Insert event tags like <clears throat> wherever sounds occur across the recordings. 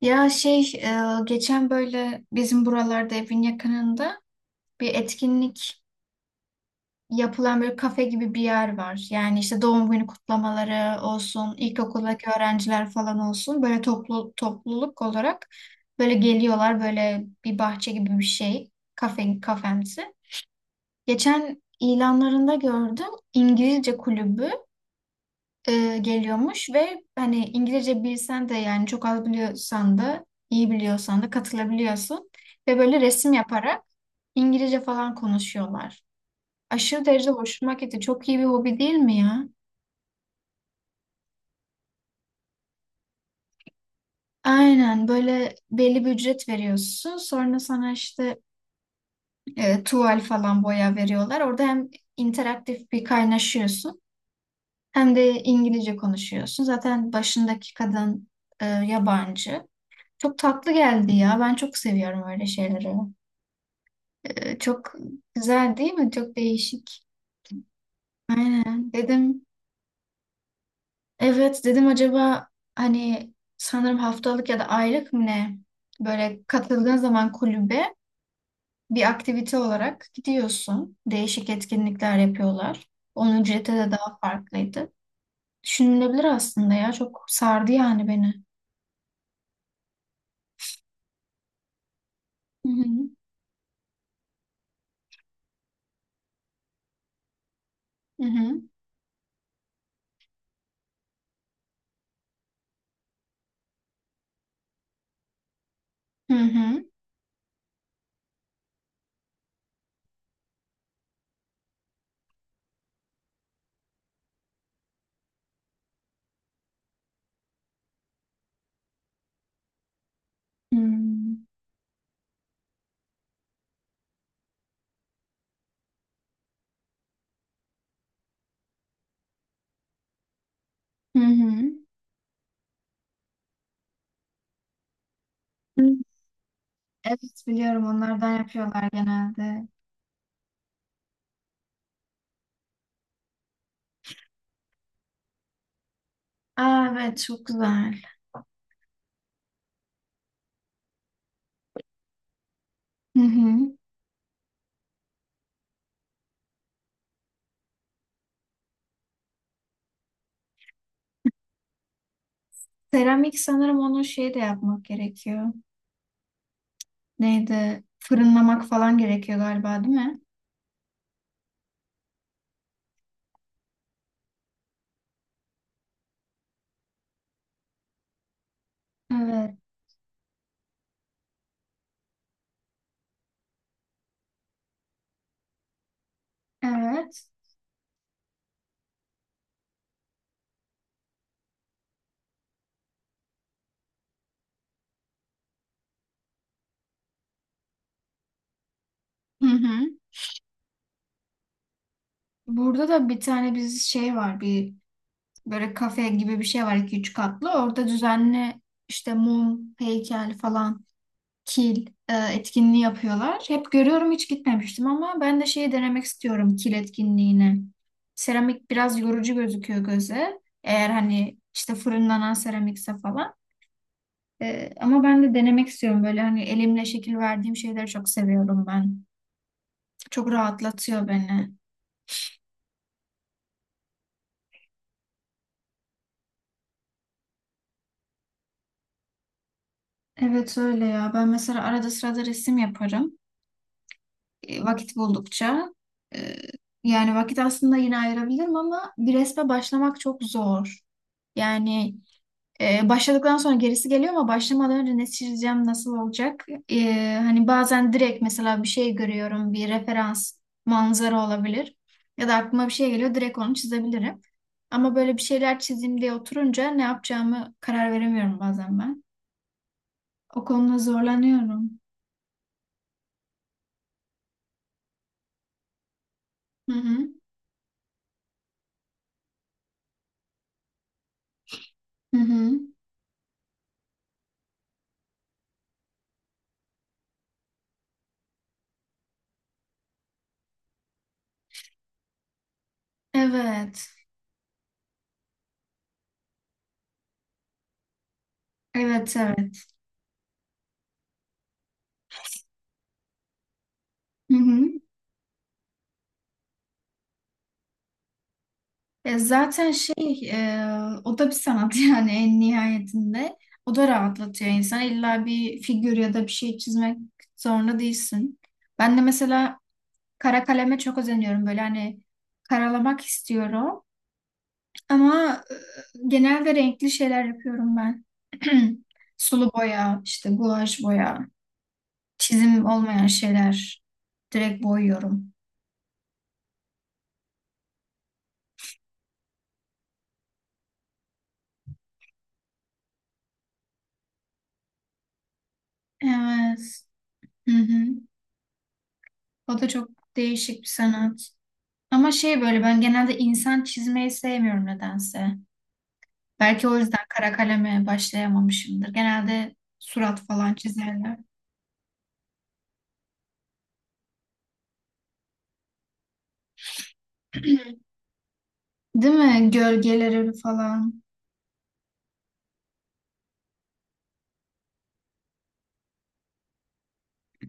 Geçen böyle bizim buralarda evin yakınında bir etkinlik yapılan böyle kafe gibi bir yer var. Yani işte doğum günü kutlamaları olsun, ilkokuldaki öğrenciler falan olsun böyle toplu topluluk olarak böyle geliyorlar, böyle bir bahçe gibi bir şey, kafe kafemsi. Geçen ilanlarında gördüm, İngilizce kulübü. Geliyormuş ve hani İngilizce bilsen de, yani çok az biliyorsan da iyi biliyorsan da katılabiliyorsun ve böyle resim yaparak İngilizce falan konuşuyorlar. Aşırı derecede hoşuma gitti. Çok iyi bir hobi değil mi ya? Aynen, böyle belli bir ücret veriyorsun. Sonra sana işte tuval falan boya veriyorlar. Orada hem interaktif bir kaynaşıyorsun hem de İngilizce konuşuyorsun. Zaten başındaki kadın yabancı. Çok tatlı geldi ya. Ben çok seviyorum öyle şeyleri. Çok güzel değil mi? Çok değişik. Aynen. Dedim. Evet dedim, acaba hani sanırım haftalık ya da aylık mı ne? Böyle katıldığın zaman kulübe bir aktivite olarak gidiyorsun. Değişik etkinlikler yapıyorlar. Onun ücreti de daha farklıydı. Düşünülebilir aslında ya. Çok sardı yani beni. Hı hı. Hı hı. Hı hı. Hı hı. Hı hı. Evet biliyorum, onlardan yapıyorlar genelde. Aa, evet çok güzel. Hı hı. Seramik sanırım onu şey de yapmak gerekiyor. Neydi? Fırınlamak falan gerekiyor galiba değil mi? Evet. Evet. Hı hı. Burada da bir tane biz şey var, böyle kafe gibi bir şey var, iki üç katlı. Orada düzenli işte mum, heykel falan, kil etkinliği yapıyorlar. Hep görüyorum, hiç gitmemiştim ama ben de şeyi denemek istiyorum, kil etkinliğini. Seramik biraz yorucu gözüküyor göze. Eğer hani işte fırınlanan seramikse falan. E, ama ben de denemek istiyorum, böyle hani elimle şekil verdiğim şeyleri çok seviyorum ben. Çok rahatlatıyor beni. Evet öyle ya. Ben mesela arada sırada resim yaparım. Vakit buldukça. E, Yani vakit aslında yine ayırabilirim ama bir resme başlamak çok zor. Yani Başladıktan sonra gerisi geliyor ama başlamadan önce ne çizeceğim, nasıl olacak? Hani bazen direkt mesela bir şey görüyorum, bir referans, manzara olabilir. Ya da aklıma bir şey geliyor, direkt onu çizebilirim. Ama böyle bir şeyler çizeyim diye oturunca ne yapacağımı karar veremiyorum bazen ben. O konuda zorlanıyorum. Hı hı. Hı hı. Evet. Evet, evet. Hı hı. E, zaten şey e, O da bir sanat <laughs> yani en nihayetinde. O da rahatlatıyor insan. İlla bir figür ya da bir şey çizmek zorunda değilsin. Ben de mesela kara kaleme çok özeniyorum. Böyle hani karalamak istiyorum. Ama genelde renkli şeyler yapıyorum ben. <clears throat> Sulu boya, işte guaj boya, çizim olmayan şeyler direkt boyuyorum. Evet. Hı hı. O da çok değişik bir sanat. Ama şey, böyle ben genelde insan çizmeyi sevmiyorum nedense. Belki o yüzden kara kaleme başlayamamışımdır. Genelde surat falan çizerler. <clears throat> Değil mi? Gölgeleri falan.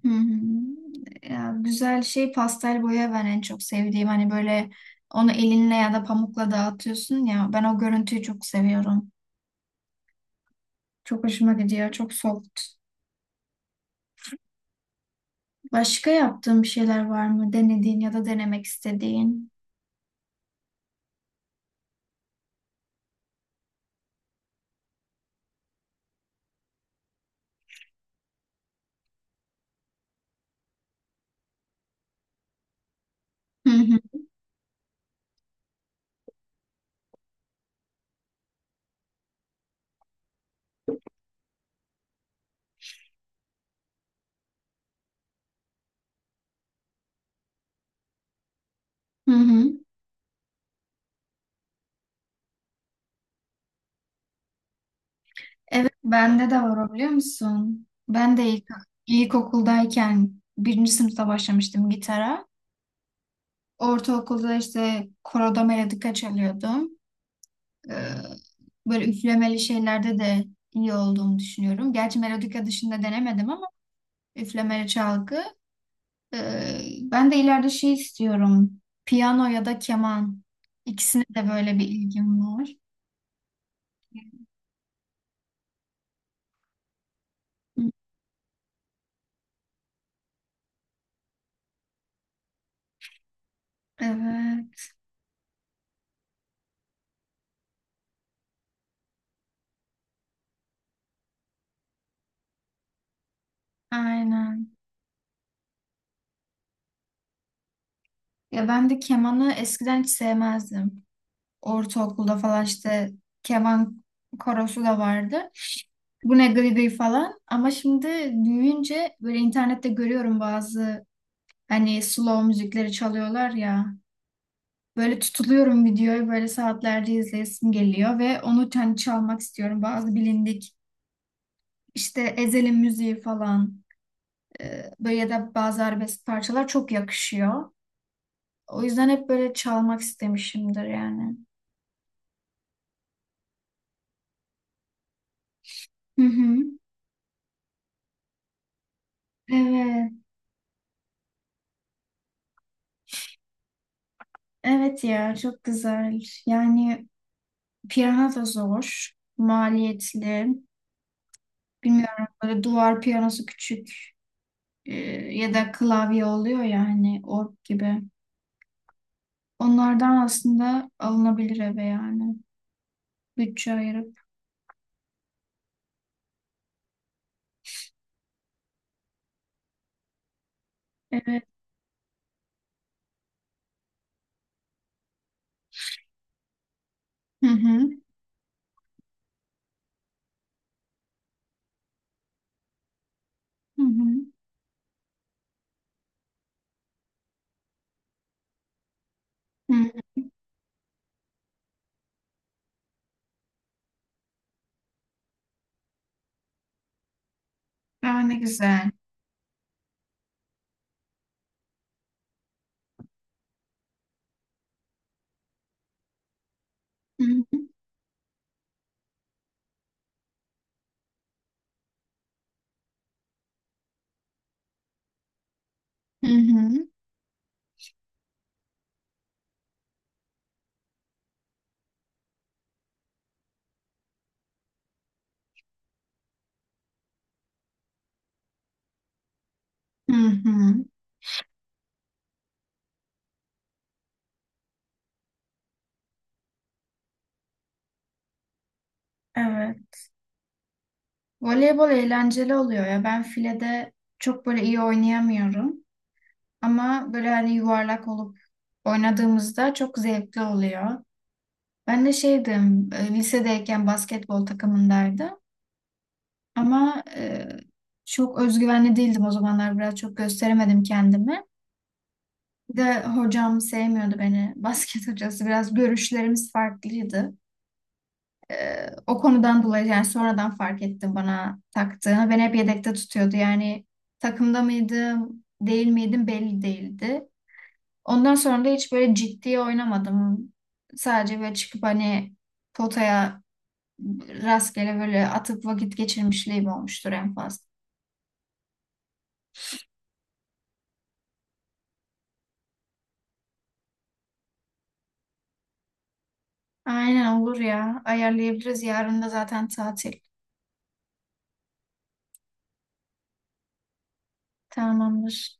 Hı hı. Ya, güzel şey, pastel boya ben en çok sevdiğim. Hani böyle onu elinle ya da pamukla dağıtıyorsun ya. Ben o görüntüyü çok seviyorum. Çok hoşuma gidiyor. Çok soft. Başka yaptığın bir şeyler var mı? Denediğin ya da denemek istediğin. Hı hı. Hı hı. Evet bende de var o, biliyor musun? İlkokuldayken birinci sınıfta başlamıştım gitara. Ortaokulda işte koroda melodika çalıyordum. Ee, Böyle üflemeli şeylerde de iyi olduğumu düşünüyorum. Gerçi melodika dışında denemedim ama üflemeli çalgı. Ben de ileride şey istiyorum, piyano ya da keman. İkisine de böyle bir ilgim var. Evet, aynen. Ya ben de kemanı eskiden hiç sevmezdim. Ortaokulda falan işte keman korosu da vardı. Bu ne gıy gıy falan. Ama şimdi büyüyünce böyle internette görüyorum, bazı hani slow müzikleri çalıyorlar ya. Böyle tutuluyorum, videoyu böyle saatlerce izleyesim geliyor ve onu kendi çalmak istiyorum. Bazı bilindik işte Ezel'in müziği falan, böyle ya da bazı arabesk parçalar çok yakışıyor. O yüzden hep böyle çalmak istemişimdir yani. Hı hı. Evet. Evet ya, çok güzel. Yani piyano da zor, maliyetli. Bilmiyorum, böyle duvar piyanosu küçük e, ya da klavye oluyor yani, org gibi. Onlardan aslında alınabilir eve yani. Bütçe ayırıp. Evet. Hı hı. Hı hı. Hı hı. Aa, ne güzel. Hı hı. Hı hı. Hı hı. Evet. Voleybol eğlenceli oluyor ya. Ben filede çok böyle iyi oynayamıyorum. Ama böyle hani yuvarlak olup oynadığımızda çok zevkli oluyor. Ben de şeydim, lisedeyken basketbol takımındaydım. Ama çok özgüvenli değildim o zamanlar. Biraz çok gösteremedim kendimi. Bir de hocam sevmiyordu beni. <laughs> Basket hocası, biraz görüşlerimiz farklıydı. E, O konudan dolayı, yani sonradan fark ettim bana taktığını. Beni hep yedekte tutuyordu. Yani takımda mıydım, değil miydim belli değildi. Ondan sonra da hiç böyle ciddiye oynamadım. Sadece böyle çıkıp hani potaya rastgele böyle atıp vakit geçirmişliğim olmuştur en fazla. Aynen olur ya. Ayarlayabiliriz. Yarın da zaten tatil. Tamamdır.